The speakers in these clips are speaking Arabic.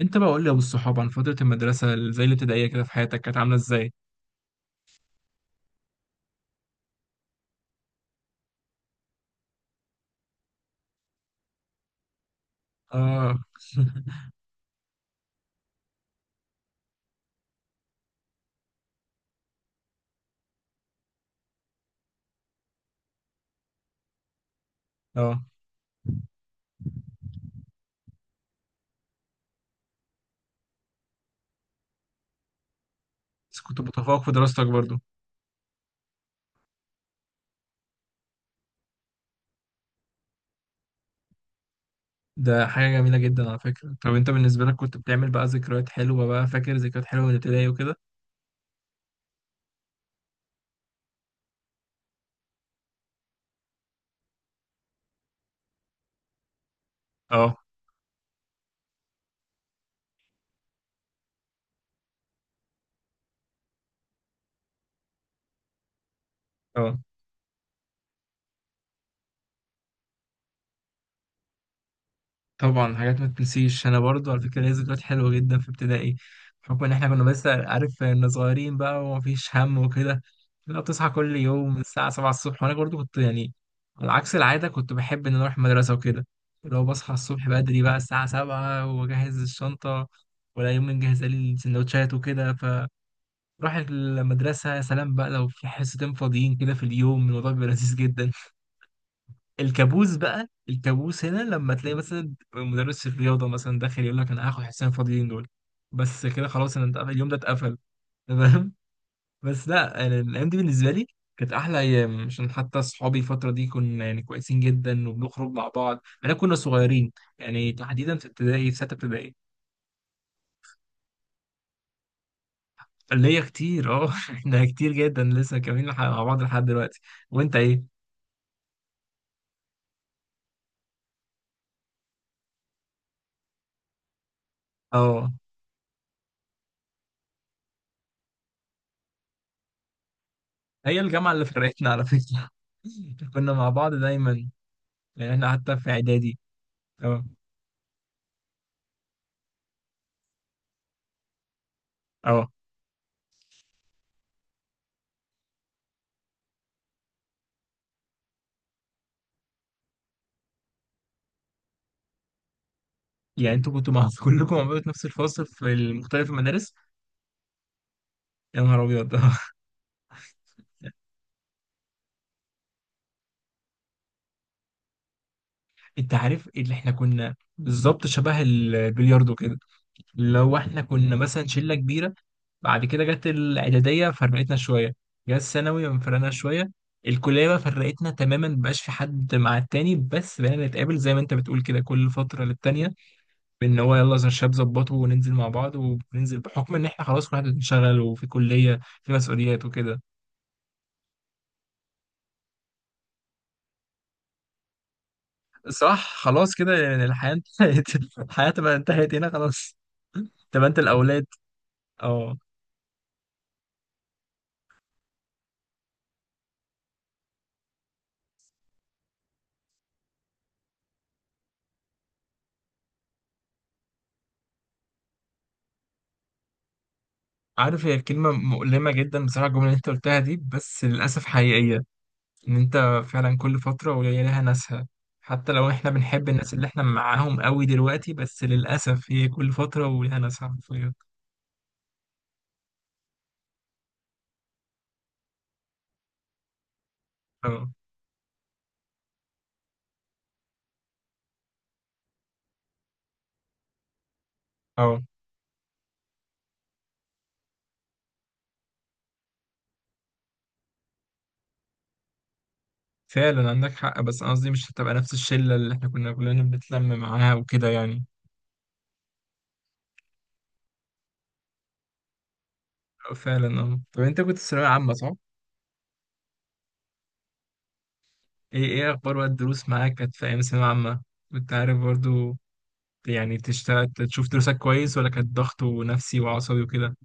انت بقى قول لي يا ابو الصحاب عن فتره المدرسه زي الابتدائيه كده في حياتك كانت عامله ازاي؟ اه. اه. بس كنت متفوق في دراستك برضو. ده حاجه جميله جدا على فكره. طب انت بالنسبه لك كنت بتعمل بقى ذكريات حلوه بقى؟ فاكر ذكريات حلوه من الابتدائي وكده؟ اه. اه، طبعا حاجات ما تنسيش، انا برضو على فكره ليا ذكريات حلوه جدا في ابتدائي، بحكم ان احنا كنا، بس عارف ان صغيرين بقى ومفيش هم وكده. لا، بتصحى كل يوم من الساعه 7 الصبح، وانا برضو كنت يعني على عكس العاده كنت بحب ان أنا اروح المدرسه وكده. لو بصحى الصبح بدري بقى الساعه 7 واجهز الشنطه، ولا يوم نجهز لي السندوتشات وكده، فراح المدرسه. يا سلام بقى، لو في حصتين فاضيين كده في اليوم، الموضوع بيبقى لذيذ جدا. الكابوس بقى، الكابوس هنا لما تلاقي مثلا مدرس الرياضه مثلا داخل يقول لك انا هاخد حصتين فاضيين دول. بس كده خلاص، انا اليوم ده اتقفل. تمام. بس لا، أنا الايام دي بالنسبه لي كانت احلى ايام، عشان حتى اصحابي الفتره دي كنا يعني كويسين جدا وبنخرج مع بعض، احنا كنا صغيرين، يعني تحديدا في ابتدائي، في سته ابتدائي. اللي هي كتير، اه احنا كتير جدا لسه كاملين مع بعض لحد دلوقتي. وانت ايه؟ اه، هي الجامعه اللي فرقتنا على فكره. كنا مع بعض دايما، لان احنا حتى في اعدادي. اه. اه، يعني انتوا كنتوا مع كلكم مع بعض في نفس الفصل في مختلف المدارس؟ يا نهار ابيض. انت عارف، اللي احنا كنا بالظبط شبه البلياردو كده. لو احنا كنا مثلا شله كبيره، بعد كده جت الاعداديه فرقتنا شويه، جت الثانوي فرقنا شويه، الكليه بقى فرقتنا تماما، مبقاش في حد مع التاني، بس بقينا نتقابل زي ما انت بتقول كده كل فتره للتانيه. ان هو يلا زي الشباب ظبطه وننزل مع بعض وننزل، بحكم ان احنا خلاص كل واحد بنشتغل وفي كليه، في مسؤوليات وكده. صح، خلاص كده يعني الحياه انتهت. الحياه تبقى انتهت هنا خلاص، تبقى انت الاولاد. اه، عارف، هي كلمه مؤلمه جدا بصراحه الجمله اللي انت قلتها دي، بس للاسف حقيقيه، ان انت فعلا كل فتره وهي لها ناسها. حتى لو احنا بنحب الناس اللي احنا معاهم قوي دلوقتي، بس للاسف هي كل فتره ولها ناسها حرفيا. اه. اه، فعلا عندك حق، بس انا قصدي مش هتبقى نفس الشله اللي احنا كنا كلنا بنتلم معاها وكده يعني. فعلا، اه. طب انت كنت في ثانويه عامه، صح؟ ايه؟ ايه اخبار بقى الدروس معاك كانت في ايام ثانويه عامه؟ كنت عارف برضو يعني تشتغل تشوف دروسك كويس، ولا كانت ضغط ونفسي وعصبي وكده؟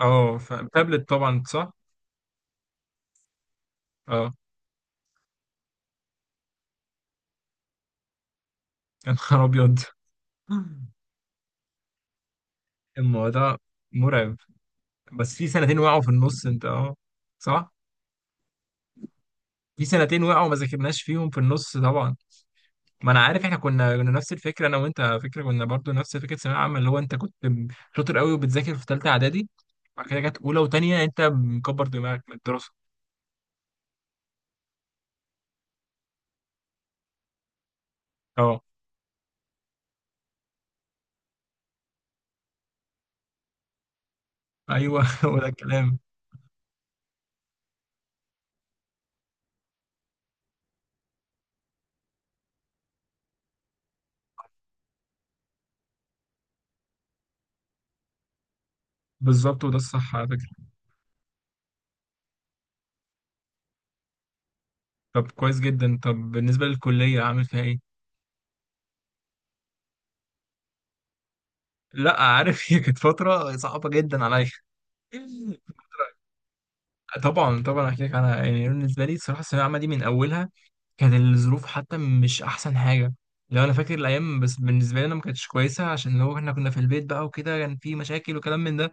اه، فتابلت طبعا، صح؟ اه. يا نهار ابيض. الموضوع مرعب. بس في سنتين وقعوا في النص انت، اه، صح؟ في سنتين وقعوا ما ذاكرناش فيهم في النص طبعا. ما انا عارف، احنا كنا نفس الفكره انا وانت على فكره، كنا برضو نفس فكره ثانويه عامه، اللي هو انت كنت شاطر قوي وبتذاكر في ثالثه اعدادي، بعد كده جت اولى وثانيه انت مكبر دماغك من الدراسه. اه. ايوه. هو ده الكلام. بالظبط، وده الصح على فكره. طب كويس جدا. طب بالنسبه للكليه عامل فيها ايه؟ لا، عارف. هي كانت فتره صعبه جدا عليا. طبعا طبعا احكي لك. انا يعني بالنسبه لي صراحه الثانويه العامه دي من اولها، كانت الظروف حتى مش احسن حاجه. لو انا فاكر الايام بس بالنسبه لي انا، ما كانتش كويسه، عشان هو احنا كنا في البيت بقى وكده، كان في مشاكل وكلام من ده،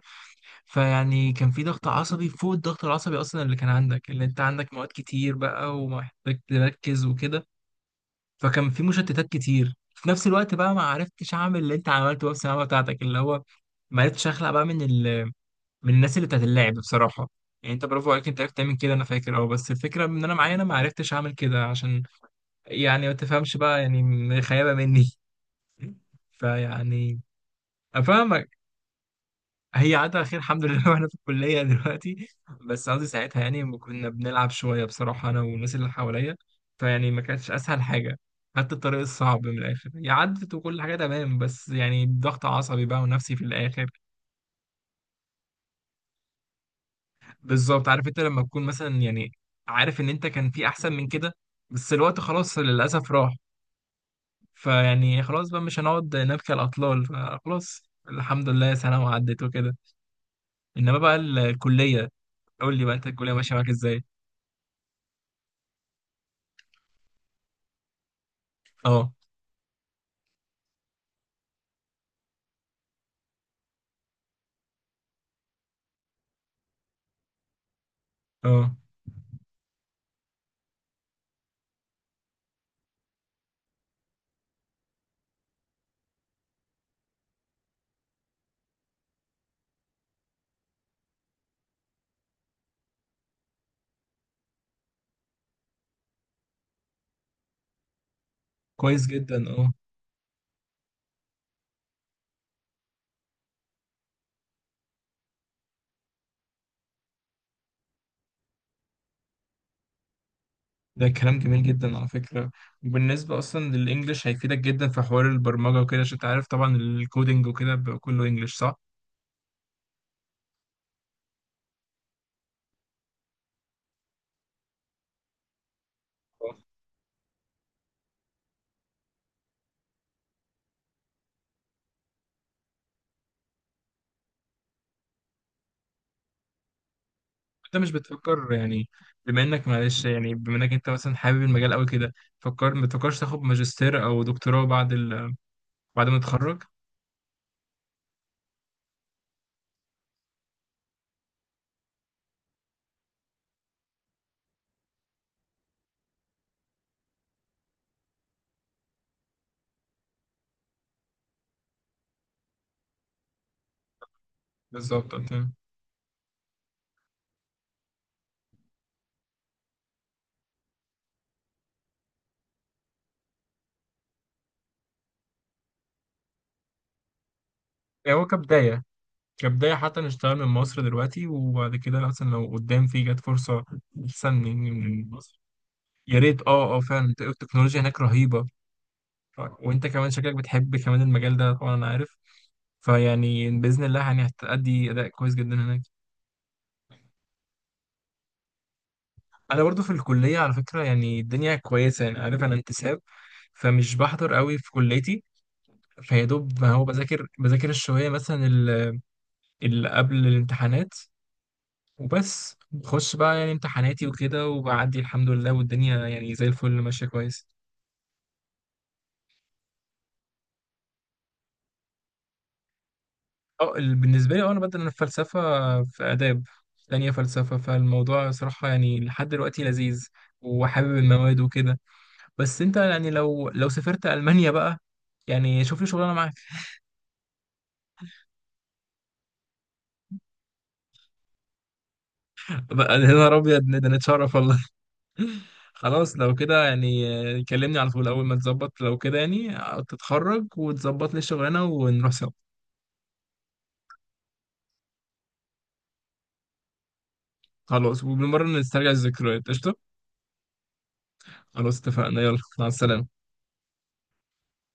فيعني كان في ضغط عصبي فوق الضغط العصبي اصلا اللي كان عندك، اللي انت عندك مواد كتير بقى ومحتاج تركز وكده، فكان في مشتتات كتير في نفس الوقت بقى. ما عرفتش اعمل اللي انت عملته بقى في الثانويه العامة بتاعتك، اللي هو ما عرفتش اخلق بقى من الناس اللي بتاعت اللعب بصراحة. يعني انت برافو عليك، انت عرفت تعمل كده، انا فاكر. اه، بس الفكرة ان انا معايا، انا ما عرفتش اعمل كده، عشان يعني ما تفهمش بقى، يعني خيابة مني. فيعني افهمك. هي عادة على خير الحمد لله. واحنا في الكلية دلوقتي، بس قصدي ساعتها يعني ما كنا بنلعب شوية بصراحة انا والناس اللي حواليا، فيعني ما كانتش اسهل حاجة، خدت الطريق الصعب من الاخر، هي عدت وكل حاجة تمام، بس يعني ضغط عصبي بقى ونفسي في الاخر. بالظبط، عارف، انت لما تكون مثلا يعني عارف ان انت كان في احسن من كده، بس الوقت خلاص للاسف راح. فيعني خلاص بقى مش هنقعد نبكي على الاطلال، فخلاص، الحمد لله سنه وعدت وكده. انما بقى الكليه، قول لي بقى انت الكليه ماشيه معاك ازاي؟ اه. اه. كويس جدا، اه. ده كلام جميل جدا على فكره. وبالنسبه اصلا للانجليش هيفيدك جدا في حوار البرمجه وكده، عشان انت عارف طبعا الكودينج وكده بيبقى كله انجليش، صح؟ انت مش بتفكر يعني، بما انك، معلش، يعني بما انك انت مثلا حابب المجال قوي كده، فكر، ما تفكرش تاخد ماجستير او دكتوراه بعد بعد ما تتخرج؟ بالظبط انت. يعني هو كبداية، كبداية حتى نشتغل من مصر دلوقتي، وبعد كده مثلا لو قدام في جت فرصة أحسن من مصر. يا ريت، اه. اه فعلا التكنولوجيا هناك رهيبة. وانت كمان شكلك بتحب كمان المجال ده طبعا، انا عارف، فيعني بإذن الله يعني هتأدي أداء كويس جدا هناك. انا برضو في الكليه على فكره، يعني الدنيا كويسه، يعني عارف انا انتساب، فمش بحضر قوي في كليتي، فيا دوب، ما هو بذاكر الشويه مثلا اللي قبل الامتحانات وبس، بخش بقى يعني امتحاناتي وكده وبعدي الحمد لله، والدنيا يعني زي الفل ماشيه كويس. اه، بالنسبه لي، اه انا بدل الفلسفه، في فلسفه في اداب، تانية فلسفه، فالموضوع صراحه يعني لحد دلوقتي لذيذ، وحابب المواد وكده. بس انت يعني لو سافرت المانيا بقى، يعني شوف لي شغلانه معاك بقى. يا نهار ابيض، ده نتشرف والله. خلاص لو كده يعني، كلمني على طول اول ما تظبط، لو كده يعني تتخرج وتظبط لي الشغلانه ونروح سوا. خلاص، وبالمره نسترجع الذكريات، قشطه. خلاص اتفقنا، يلا مع السلامه.